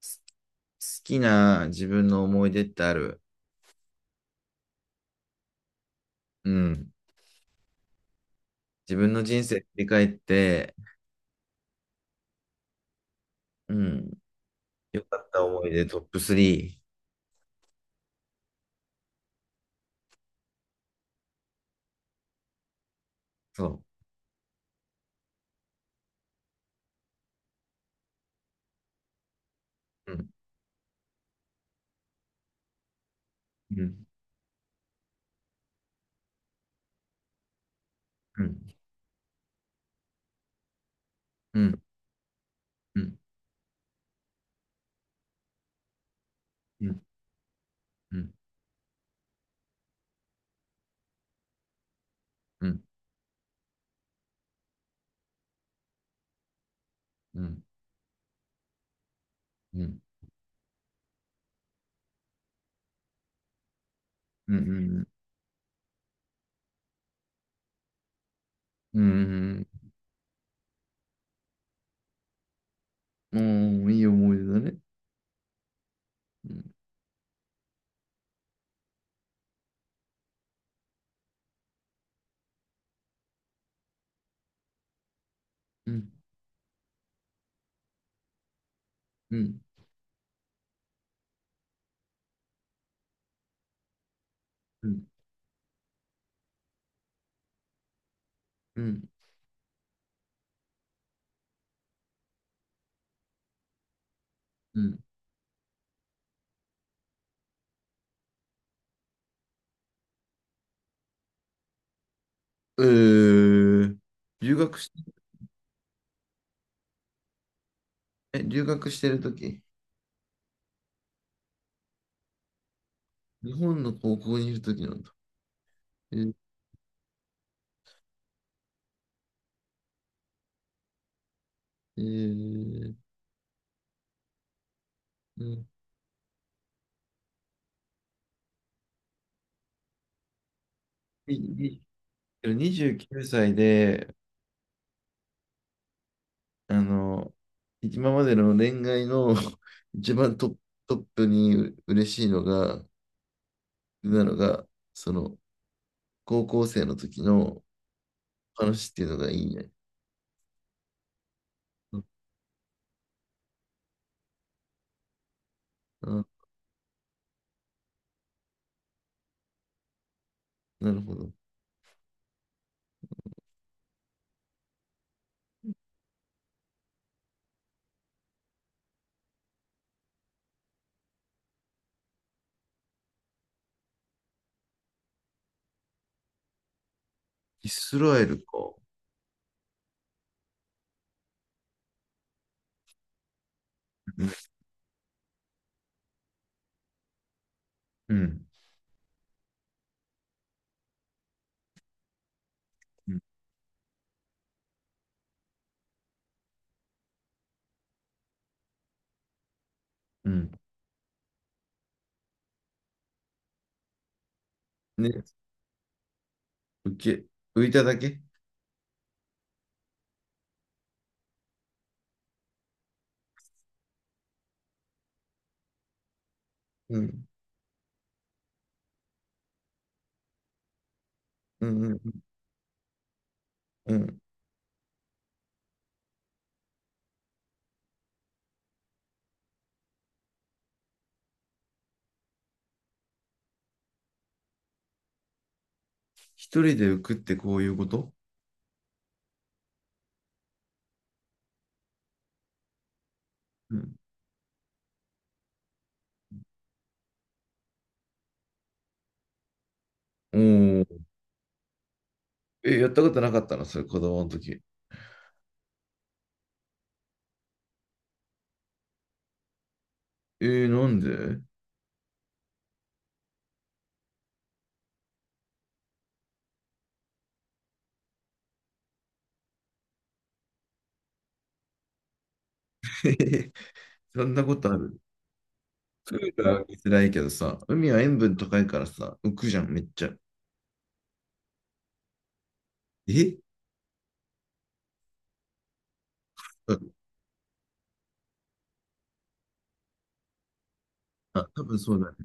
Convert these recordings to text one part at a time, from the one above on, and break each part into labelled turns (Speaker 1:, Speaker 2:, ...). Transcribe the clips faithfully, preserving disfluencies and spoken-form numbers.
Speaker 1: す好きな自分の思い出ってある？うん。自分の人生振り返って、うん。良かった思い出トップスリー。そう。うん。うん。うん。うん。うん。うん。うん。うん。うん。うん。うん。うん。うん。うん。いい思い出だね。うん。うん。うん。うん。うん。うんうん。えー。留学し、え、留学してるとき、日本の高校にいるときなんだ。えー、えー、うん。いいけどにじゅうきゅうさいで、あの、今までの恋愛の 一番トップ、トップにう嬉しいのが、なのが、その、高校生の時の話っていうのがいいね。うん。あ、なるほど。イスラエルか。うん。うん。うんうんね、浮け、浮いただけ？うん。うん。うん。うん。一人で浮くってこういうこと？うん。おー。え、やったことなかったのそれ、子供の時？えー、なんで？ そんなことある？海は辛いけどさ、海は塩分高いからさ、浮くじゃん、めっちゃ。え？あ、多分そうだね。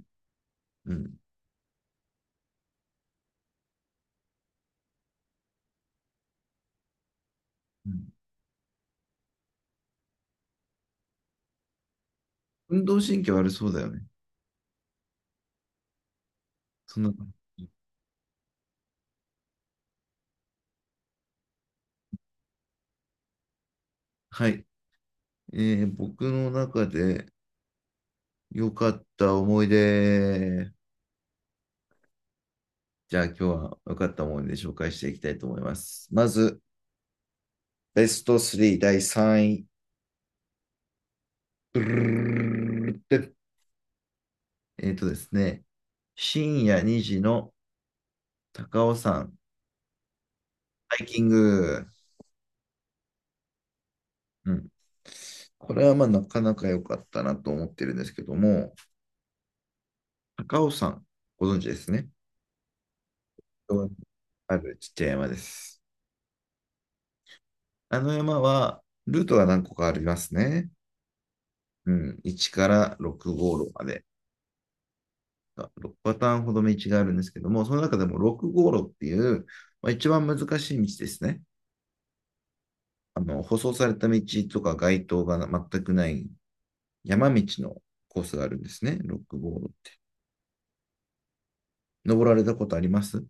Speaker 1: うん。うん。運動神経悪そうだよね。そんな感じ？はい。えー、僕の中で良かった思い出。じゃあ今日は良かった思い出紹介していきたいと思います。まず、ベストスリーだいさんい。ドゥルルルルルルっ。えーとですね、深夜にじの高尾山ハイキング。うん。これはまあなかなか良かったなと思ってるんですけども、高尾山、ご存知ですね？あるちっちゃい山です。あの山は、ルートが何個かありますね。うん、いちからろく号路まで。ろくパターンほど道があるんですけども、その中でもろく号路っていう、まあ、一番難しい道ですね。あの、舗装された道とか街灯が全くない山道のコースがあるんですね。ろく号路って。登られたことあります？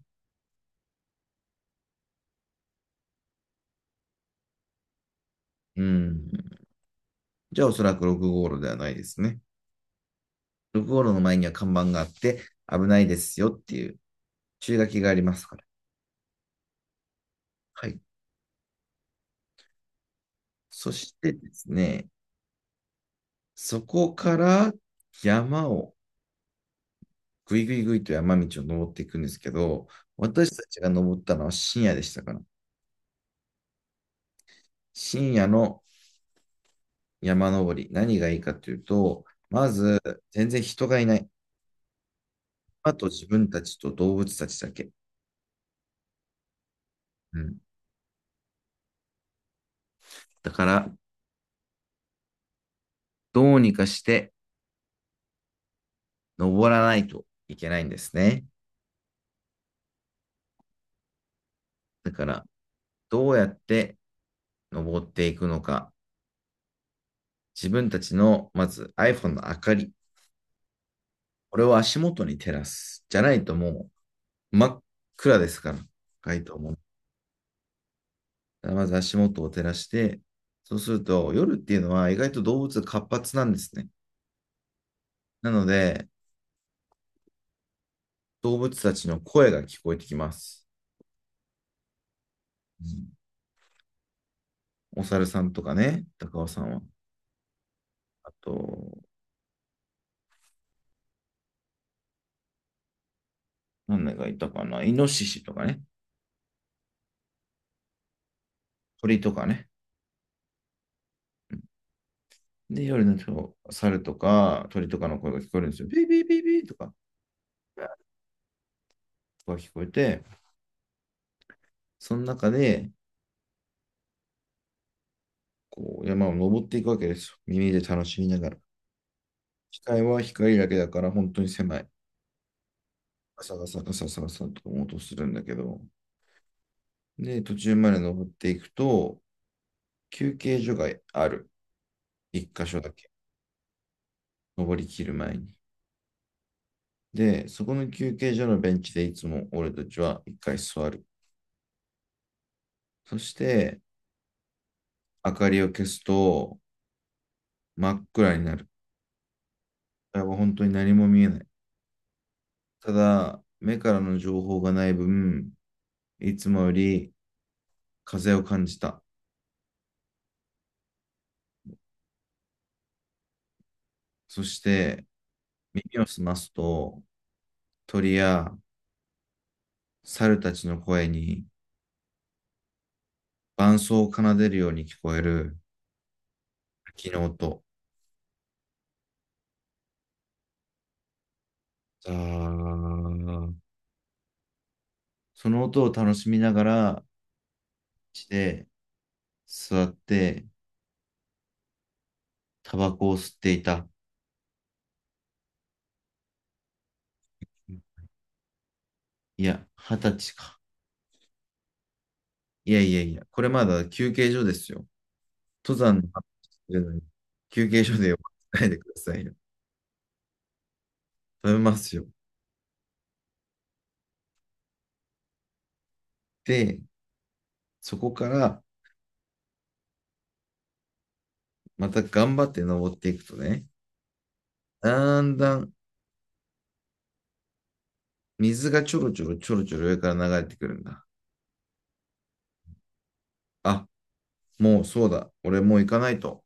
Speaker 1: うん。じゃあおそらくろく号路ではないですね。道路の前には看板があって、危ないですよっていう注意書きがありますから。はい。そしてですね、そこから山をぐいぐいぐいと山道を登っていくんですけど、私たちが登ったのは深夜でしたから。深夜の山登り、何がいいかというと、まず全然人がいない。あと自分たちと動物たちだけ。うん。だから、どうにかして登らないといけないんですね。だから、どうやって登っていくのか、自分たちの、まず アイフォン の明かり、これを足元に照らす。じゃないともう真っ暗ですから、深いと思う。まず足元を照らして、そうすると夜っていうのは意外と動物が活発なんですね。なので、動物たちの声が聞こえてきます。うん。お猿さんとかね、高尾さんは。あと、何がいたかな、イノシシとかね、鳥とかね。で、夜のと、猿とか鳥とかの声が聞こえるんですよ。ビービービービーとか。が聞こえて、その中で、こう、山を登っていくわけですよ。耳で楽しみながら。視界は光だけだから本当に狭い。ガサガサガサガサと音するんだけど、で、途中まで登っていくと、休憩所がある。いっかしょだけ。登りきる前に。で、そこの休憩所のベンチでいつも俺たちはいっかい座る。そして、明かりを消すと真っ暗になる。本当に何も見えない。ただ、目からの情報がない分、いつもより風を感じた。そして耳を澄ますと鳥や猿たちの声に伴奏を奏でるように聞こえる滝の音。ザー。その音を楽しみながら、して座ってタバコを吸っていた。いや、はたちか。いやいやいや、これまだ休憩所ですよ。登山の話してるのに休憩所で呼ばないでくださいよ。食べますよ。で、そこからまた頑張って登っていくとね、だんだん水がちょろちょろちょろちょろ上から流れてくるんだ。あ、もうそうだ。俺もう行かないと。